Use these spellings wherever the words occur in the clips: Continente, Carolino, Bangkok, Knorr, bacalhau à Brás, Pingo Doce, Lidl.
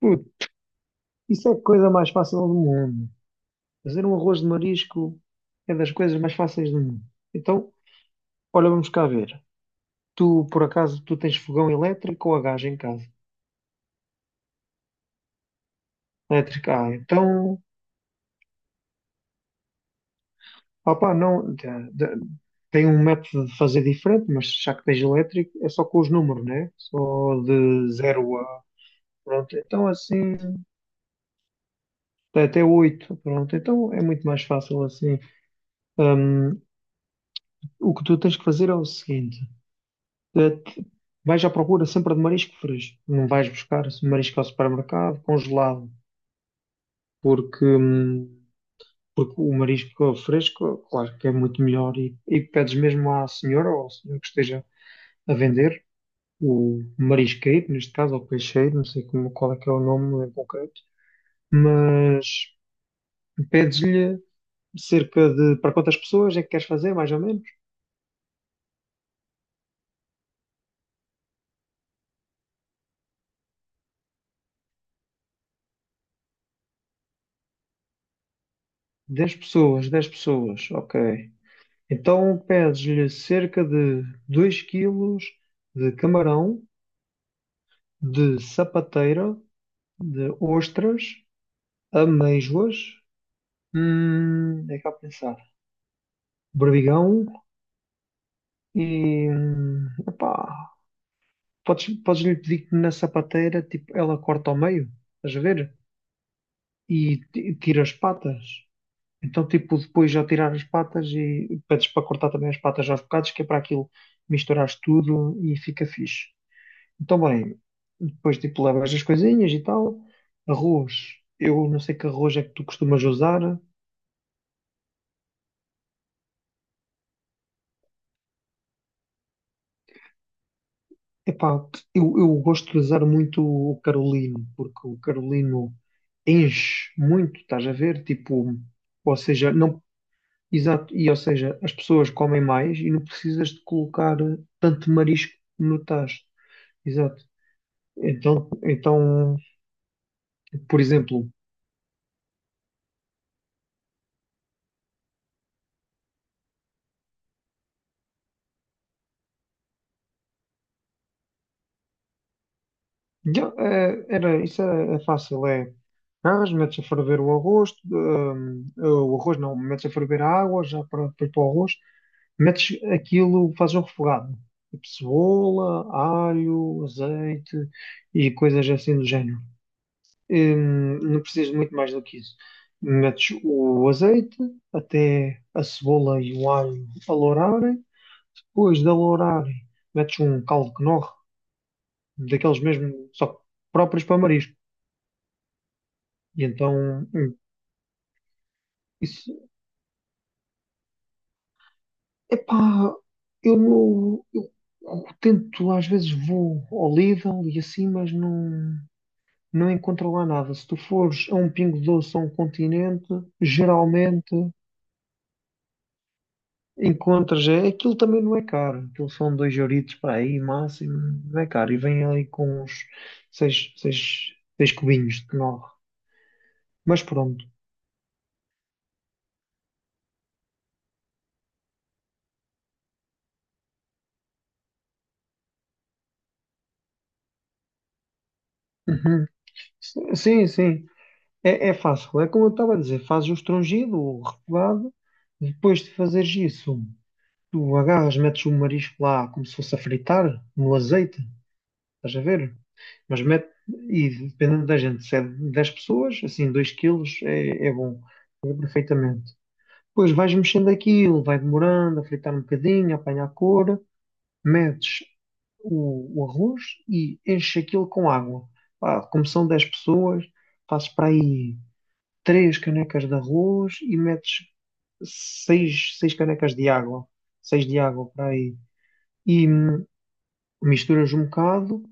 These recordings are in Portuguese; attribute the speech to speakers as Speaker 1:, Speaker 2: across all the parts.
Speaker 1: Puto, isso é a coisa mais fácil do mundo. Fazer um arroz de marisco é das coisas mais fáceis do mundo. Então, olha, vamos cá ver. Tu, por acaso, tu tens fogão elétrico ou a gás em casa? Elétrico, ah, então, opá, não, te- tem um método de fazer diferente, mas já que tens elétrico, é só com os números, né? Só de zero a, pronto, então assim, até 8, pronto, então é muito mais fácil assim. Hum, o que tu tens que fazer é o seguinte. Eh, t- Vais à procura sempre de marisco fresco. Não vais buscar esse marisco ao supermercado congelado, porque, porque o marisco fresco, claro que é muito melhor. E, pedes mesmo à senhora ou ao senhor que esteja a vender, o marisqueiro, neste caso, ou peixeiro, não sei como, qual é que é o nome em concreto, mas pedes-lhe cerca de, para quantas pessoas é que queres fazer, mais ou menos? 10 pessoas, 10 pessoas, ok. Então pedes-lhe cerca de 2 kg de camarão, de sapateira, de ostras, amêijoas, é cá pensar, berbigão e, epá, podes-lhe pedir que na sapateira, tipo, ela corta ao meio, estás a ver? E tira as patas. Então, tipo, depois já tirar as patas e pedes para cortar também as patas aos bocados, que é para aquilo misturares tudo e fica fixe. Então, bem, depois tipo levas as coisinhas e tal. Arroz, eu não sei que arroz é que tu costumas usar. Epá, eu gosto de usar muito o Carolino, porque o Carolino enche muito, estás a ver? Tipo, ou seja, não, exato, e ou seja, as pessoas comem mais e não precisas de colocar tanto marisco no tacho. Exato. Então, então, por exemplo. Já, era, isso é, é fácil, é. Agarras, metes a ferver o arroz, o arroz não, metes a ferver a água, já para depois para o arroz, metes aquilo, fazes um refogado. Tipo cebola, alho, azeite e coisas assim do género. Não precisas de muito mais do que isso. Metes o azeite até a cebola e o alho alourarem. Depois de alourarem, metes um caldo Knorr, daqueles mesmo, só próprios para marisco. E isso, epá, eu não, eu tento, às vezes vou ao Lidl e assim, mas não, não encontro lá nada. Se tu fores a um Pingo Doce ou a um Continente, geralmente encontras, é, aquilo também não é caro, aquilo são dois euritos para aí, máximo, não é caro, e vem ali com uns seis cubinhos de nove. Mas pronto. Uhum. Sim, sim. É, é fácil, é como eu estava a dizer, fazes o estrangido, o refogado, depois de fazeres isso, tu agarras, metes o marisco lá como se fosse a fritar, no azeite, estás a ver? Mas mete, e dependendo da gente, se é 10 pessoas, assim, 2 kg é, é bom, é perfeitamente. Depois vais mexendo aquilo, vai demorando, a fritar um bocadinho, a apanhar a cor, metes o arroz e enches aquilo com água. Pá, como são 10 pessoas, fazes para aí três canecas de arroz e metes seis canecas de água, seis de água para aí, e misturas um bocado,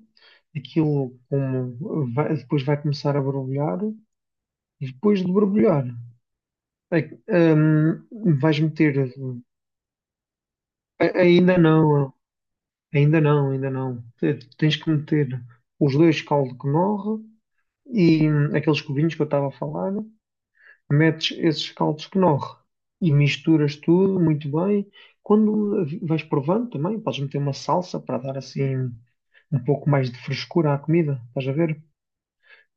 Speaker 1: depois vai começar a borbulhar, e depois de borbulhar, é- hum, vais meter. Ainda não, ainda não. Tens que meter os dois caldo que morre e aqueles cubinhos que eu estava a falar, metes esses caldos de Knorr e misturas tudo muito bem. Quando vais provando também, podes meter uma salsa para dar assim um pouco mais de frescura à comida, estás a ver?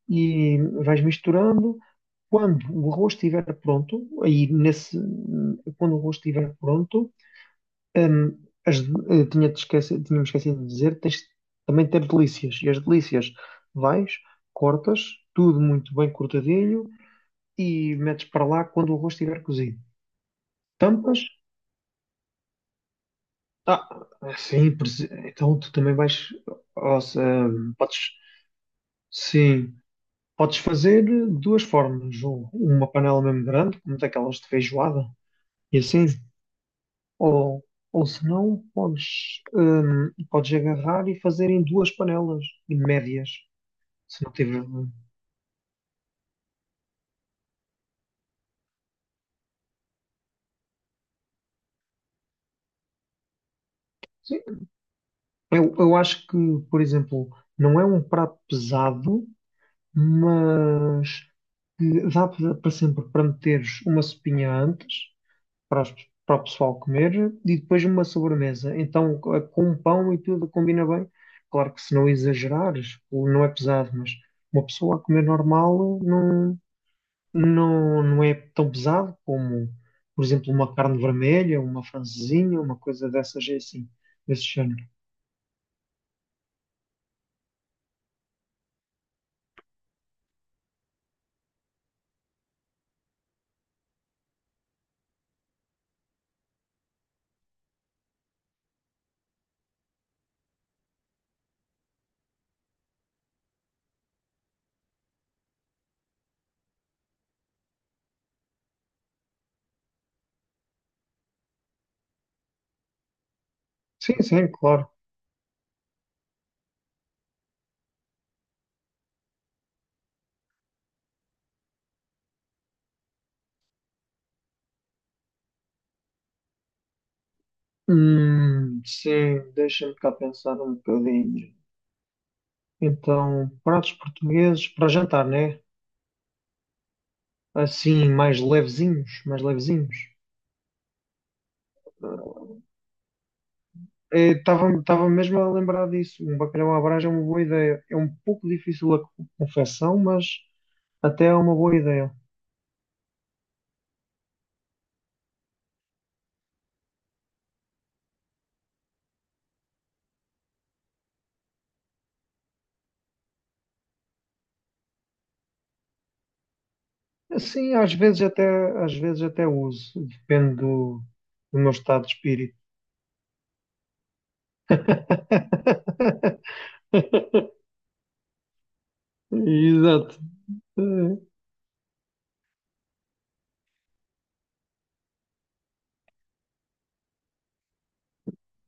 Speaker 1: E vais misturando. Quando o arroz estiver pronto, aí nesse, quando o arroz estiver pronto, hum, as, tinha-te esquecido, de dizer, tens também de ter delícias. E as delícias vais, cortas, tudo muito bem cortadinho e metes para lá quando o arroz estiver cozido. Tampas? Ah, sim, então tu também vais. Ou podes, sim, podes fazer de duas formas. Ou uma panela mesmo grande, como daquelas de feijoada, e assim. Ou, ou se não, podes, podes agarrar e fazer em duas panelas médias. Se não tiver. hum. Sim, eu acho que, por exemplo, não é um prato pesado, mas que dá para sempre para meteres uma sopinha antes para, as- para o pessoal comer e depois uma sobremesa. Então, com um pão e tudo combina bem. Claro que se não exagerares, não é pesado, mas uma pessoa a comer normal não, não é tão pesado como, por exemplo, uma carne vermelha, uma francesinha, uma coisa dessas é assim, desse género. Sim, sim, claro. Sim, deixa-me cá pensar um bocadinho. Então, pratos portugueses para jantar, né? Assim, mais levezinhos, mais levezinhos. Estava mesmo a lembrar disso. Um bacalhau à Brás é uma boa ideia. É um pouco difícil a confecção, mas até é uma boa ideia. Sim, às vezes até uso. Depende do, do meu estado de espírito. Exato. Eh,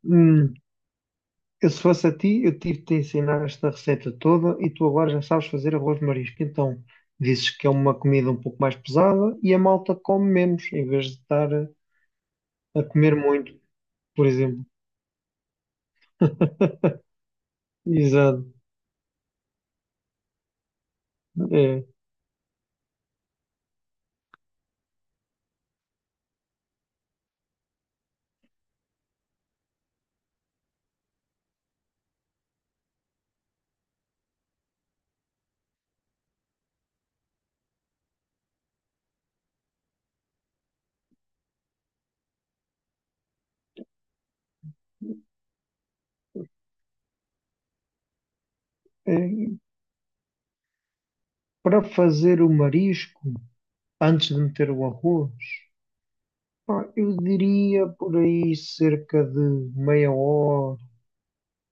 Speaker 1: Hum, eu, se fosse a ti, eu tive de te ensinar esta receita toda e tu agora já sabes fazer arroz de marisco. Então, dizes que é uma comida um pouco mais pesada e a malta come menos, em vez de estar a comer muito. Por exemplo. Exato. É, é, para fazer o marisco, antes de meter o arroz, pá, eu diria por aí cerca de meia hora,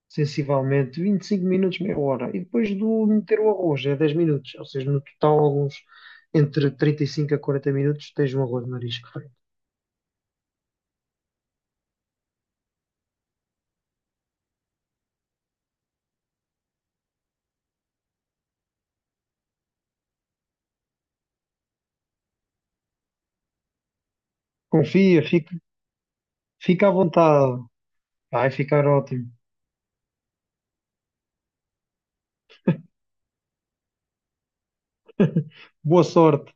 Speaker 1: sensivelmente, 25 minutos, meia hora. E depois do meter o arroz, é 10 minutos. Ou seja, no total, uns entre 35 a 40 minutos, tens um arroz de marisco feito. Confia, fica à vontade. Vai ficar ótimo. Boa sorte.